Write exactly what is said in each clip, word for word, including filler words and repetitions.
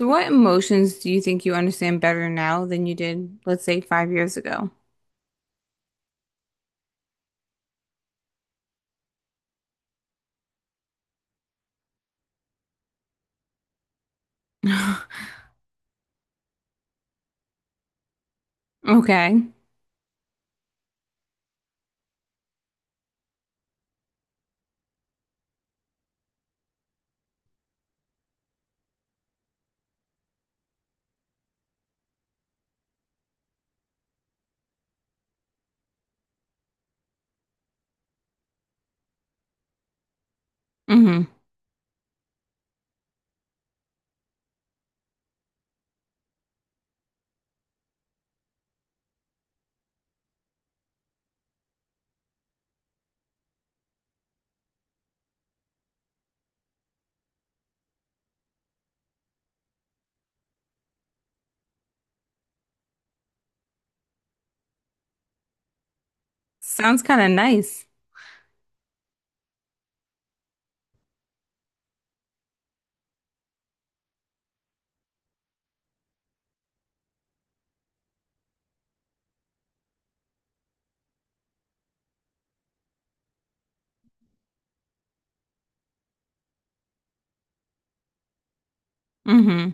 So what emotions do you think you understand better now than you did, let's say, five years ago? Okay. Hmm. Sounds kind of nice. Hmm.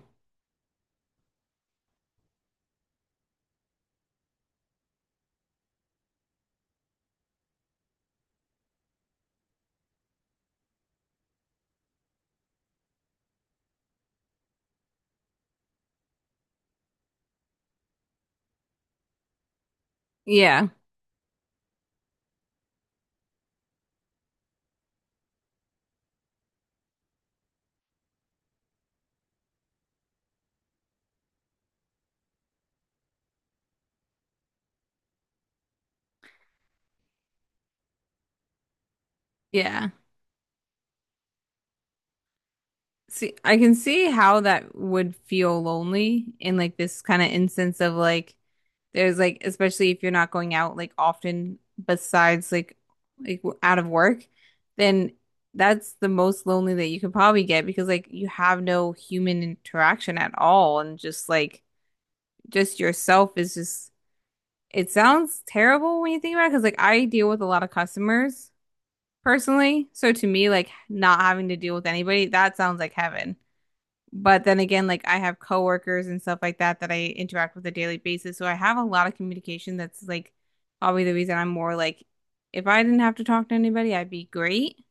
Yeah. Yeah. See, I can see how that would feel lonely in like this kind of instance of like there's like, especially if you're not going out like often, besides like like w- out of work, then that's the most lonely that you could probably get, because like you have no human interaction at all and just like just yourself is just, it sounds terrible when you think about it, because like I deal with a lot of customers personally. So to me, like not having to deal with anybody, that sounds like heaven. But then again, like I have coworkers and stuff like that that I interact with a daily basis. So I have a lot of communication that's like probably the reason I'm more like, if I didn't have to talk to anybody, I'd be great,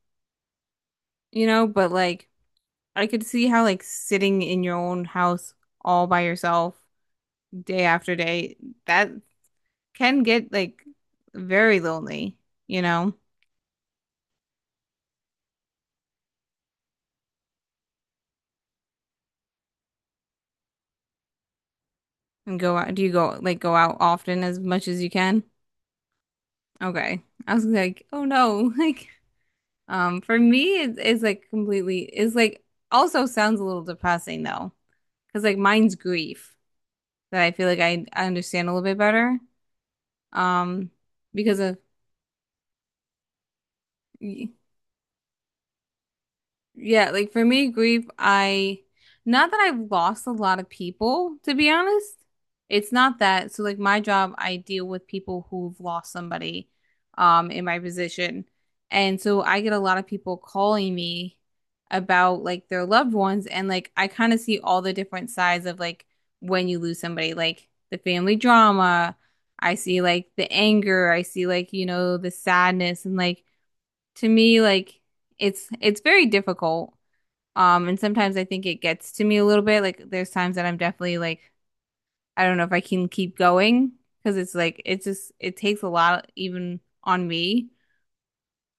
you know, but like I could see how like sitting in your own house all by yourself day after day, that can get like very lonely, you know? And go out. Do you go like go out often as much as you can? Okay. I was like, oh no. Like, um, for me, it's, it's like completely, it's like also sounds a little depressing though. Cause like mine's grief that I feel like I, I understand a little bit better. Um, because of, yeah, like for me, grief, I not that I've lost a lot of people, to be honest. It's not that. So like my job, I deal with people who've lost somebody um in my position. And so I get a lot of people calling me about like their loved ones, and like I kind of see all the different sides of like when you lose somebody, like the family drama. I see like the anger, I see like, you know, the sadness, and like to me like it's it's very difficult, um, and sometimes I think it gets to me a little bit. Like there's times that I'm definitely like, I don't know if I can keep going, because it's like it's just, it takes a lot even on me.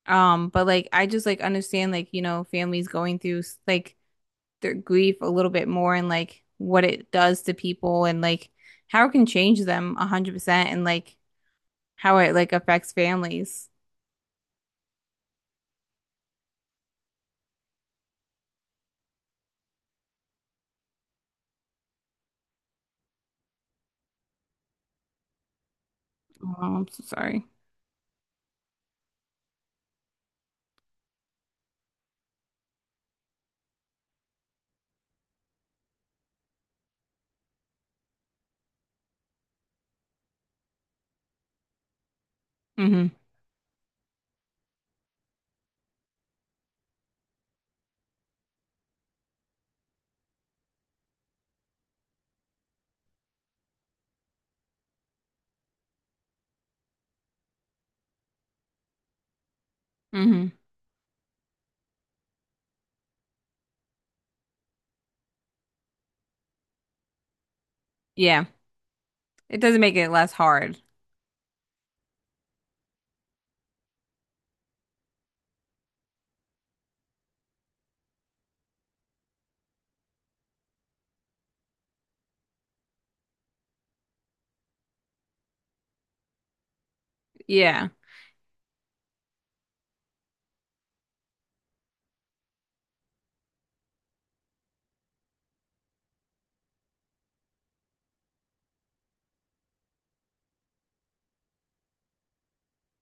Um, but like I just like understand like, you know, families going through like their grief a little bit more, and like what it does to people, and like how it can change them a hundred percent, and like how it like affects families. Oh, I'm so sorry. Mm-hmm. Mm-hmm. Yeah. It doesn't make it less hard. Yeah.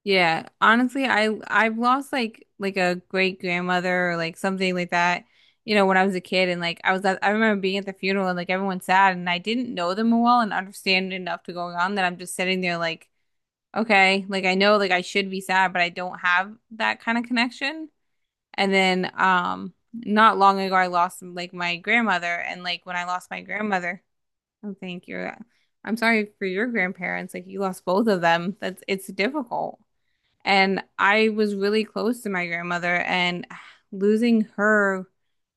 Yeah, honestly, I I've lost like like a great grandmother or like something like that, you know, when I was a kid, and like I was at, I remember being at the funeral, and like everyone's sad, and I didn't know them well and understand enough to go on, that I'm just sitting there like, okay, like I know like I should be sad, but I don't have that kind of connection. And then um not long ago I lost like my grandmother, and like when I lost my grandmother, I think you're I'm sorry for your grandparents, like you lost both of them. That's it's difficult. And I was really close to my grandmother, and losing her,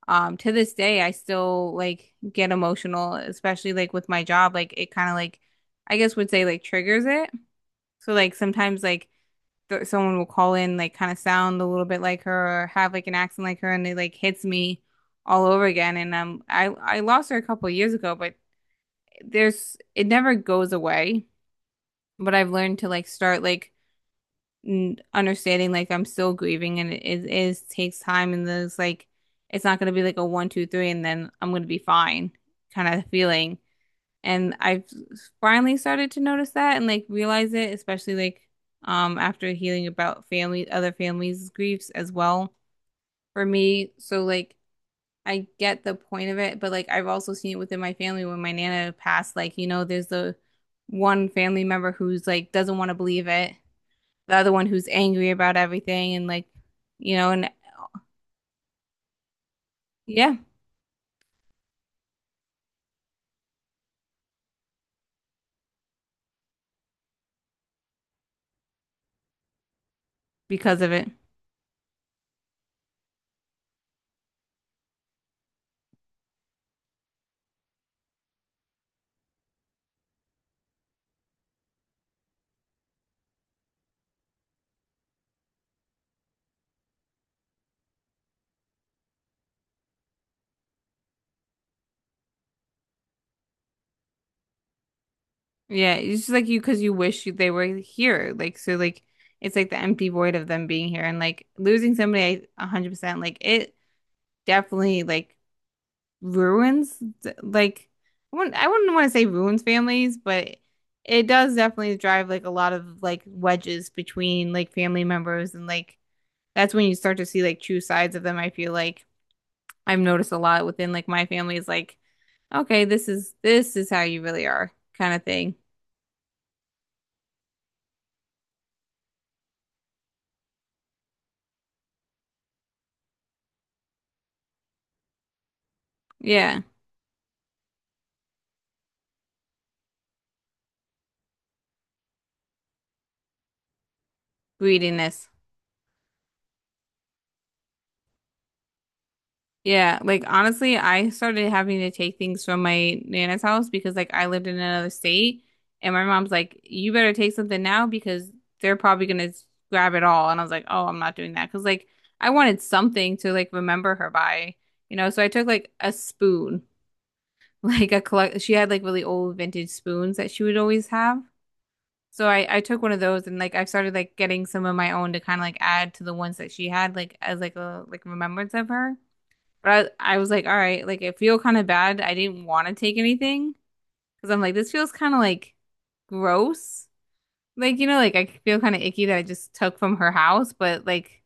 um to this day I still like get emotional, especially like with my job, like it kind of like, I guess would say, like triggers it. So like sometimes like th someone will call in, like kind of sound a little bit like her or have like an accent like her, and it like hits me all over again, and um I I lost her a couple years ago, but there's it never goes away. But I've learned to like start like understanding like I'm still grieving, and it is, it is takes time, and there's like, it's not gonna be like a one, two, three and then I'm gonna be fine kind of feeling. And I've finally started to notice that and like realize it, especially like um after healing about family other families' griefs as well for me. So like I get the point of it, but like I've also seen it within my family when my nana passed, like, you know, there's the one family member who's like doesn't want to believe it, the other one who's angry about everything, and like, you know, and yeah, because of it. Yeah, it's just like you, because you wish you, they were here. Like so, like it's like the empty void of them being here and like losing somebody. I one hundred percent like it definitely like ruins, like I wouldn't, I wouldn't want to say ruins families, but it does definitely drive like a lot of like wedges between like family members, and like that's when you start to see like true sides of them. I feel like I've noticed a lot within like my family is like, okay, this is this is how you really are kind of thing. Yeah, greediness. Yeah, like honestly, I started having to take things from my nana's house, because like I lived in another state and my mom's like, "You better take something now, because they're probably gonna s- grab it all." And I was like, "Oh, I'm not doing that, because like I wanted something to like remember her by, you know, so I took like a spoon." Like a collect she had like really old vintage spoons that she would always have. So I I took one of those, and like I've started like getting some of my own to kind of like add to the ones that she had, like as like a like remembrance of her. But I I was like, all right, like I feel kind of bad. I didn't want to take anything, because I'm like this feels kind of like gross. Like you know, like I feel kind of icky that I just took from her house, but like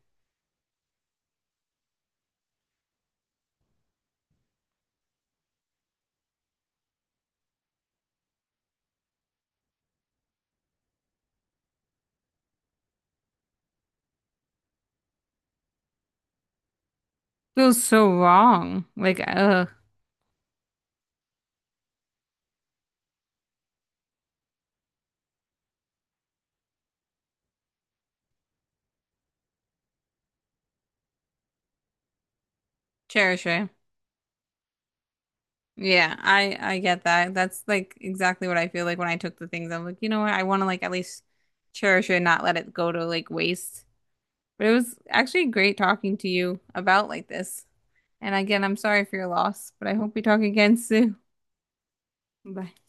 feels so wrong. Like ugh, cherish it. Yeah, I I get that. That's like exactly what I feel like when I took the things. I'm like, you know what? I want to like at least cherish it and not let it go to like waste. But it was actually great talking to you about like this. And again, I'm sorry for your loss, but I hope we talk again soon. Bye.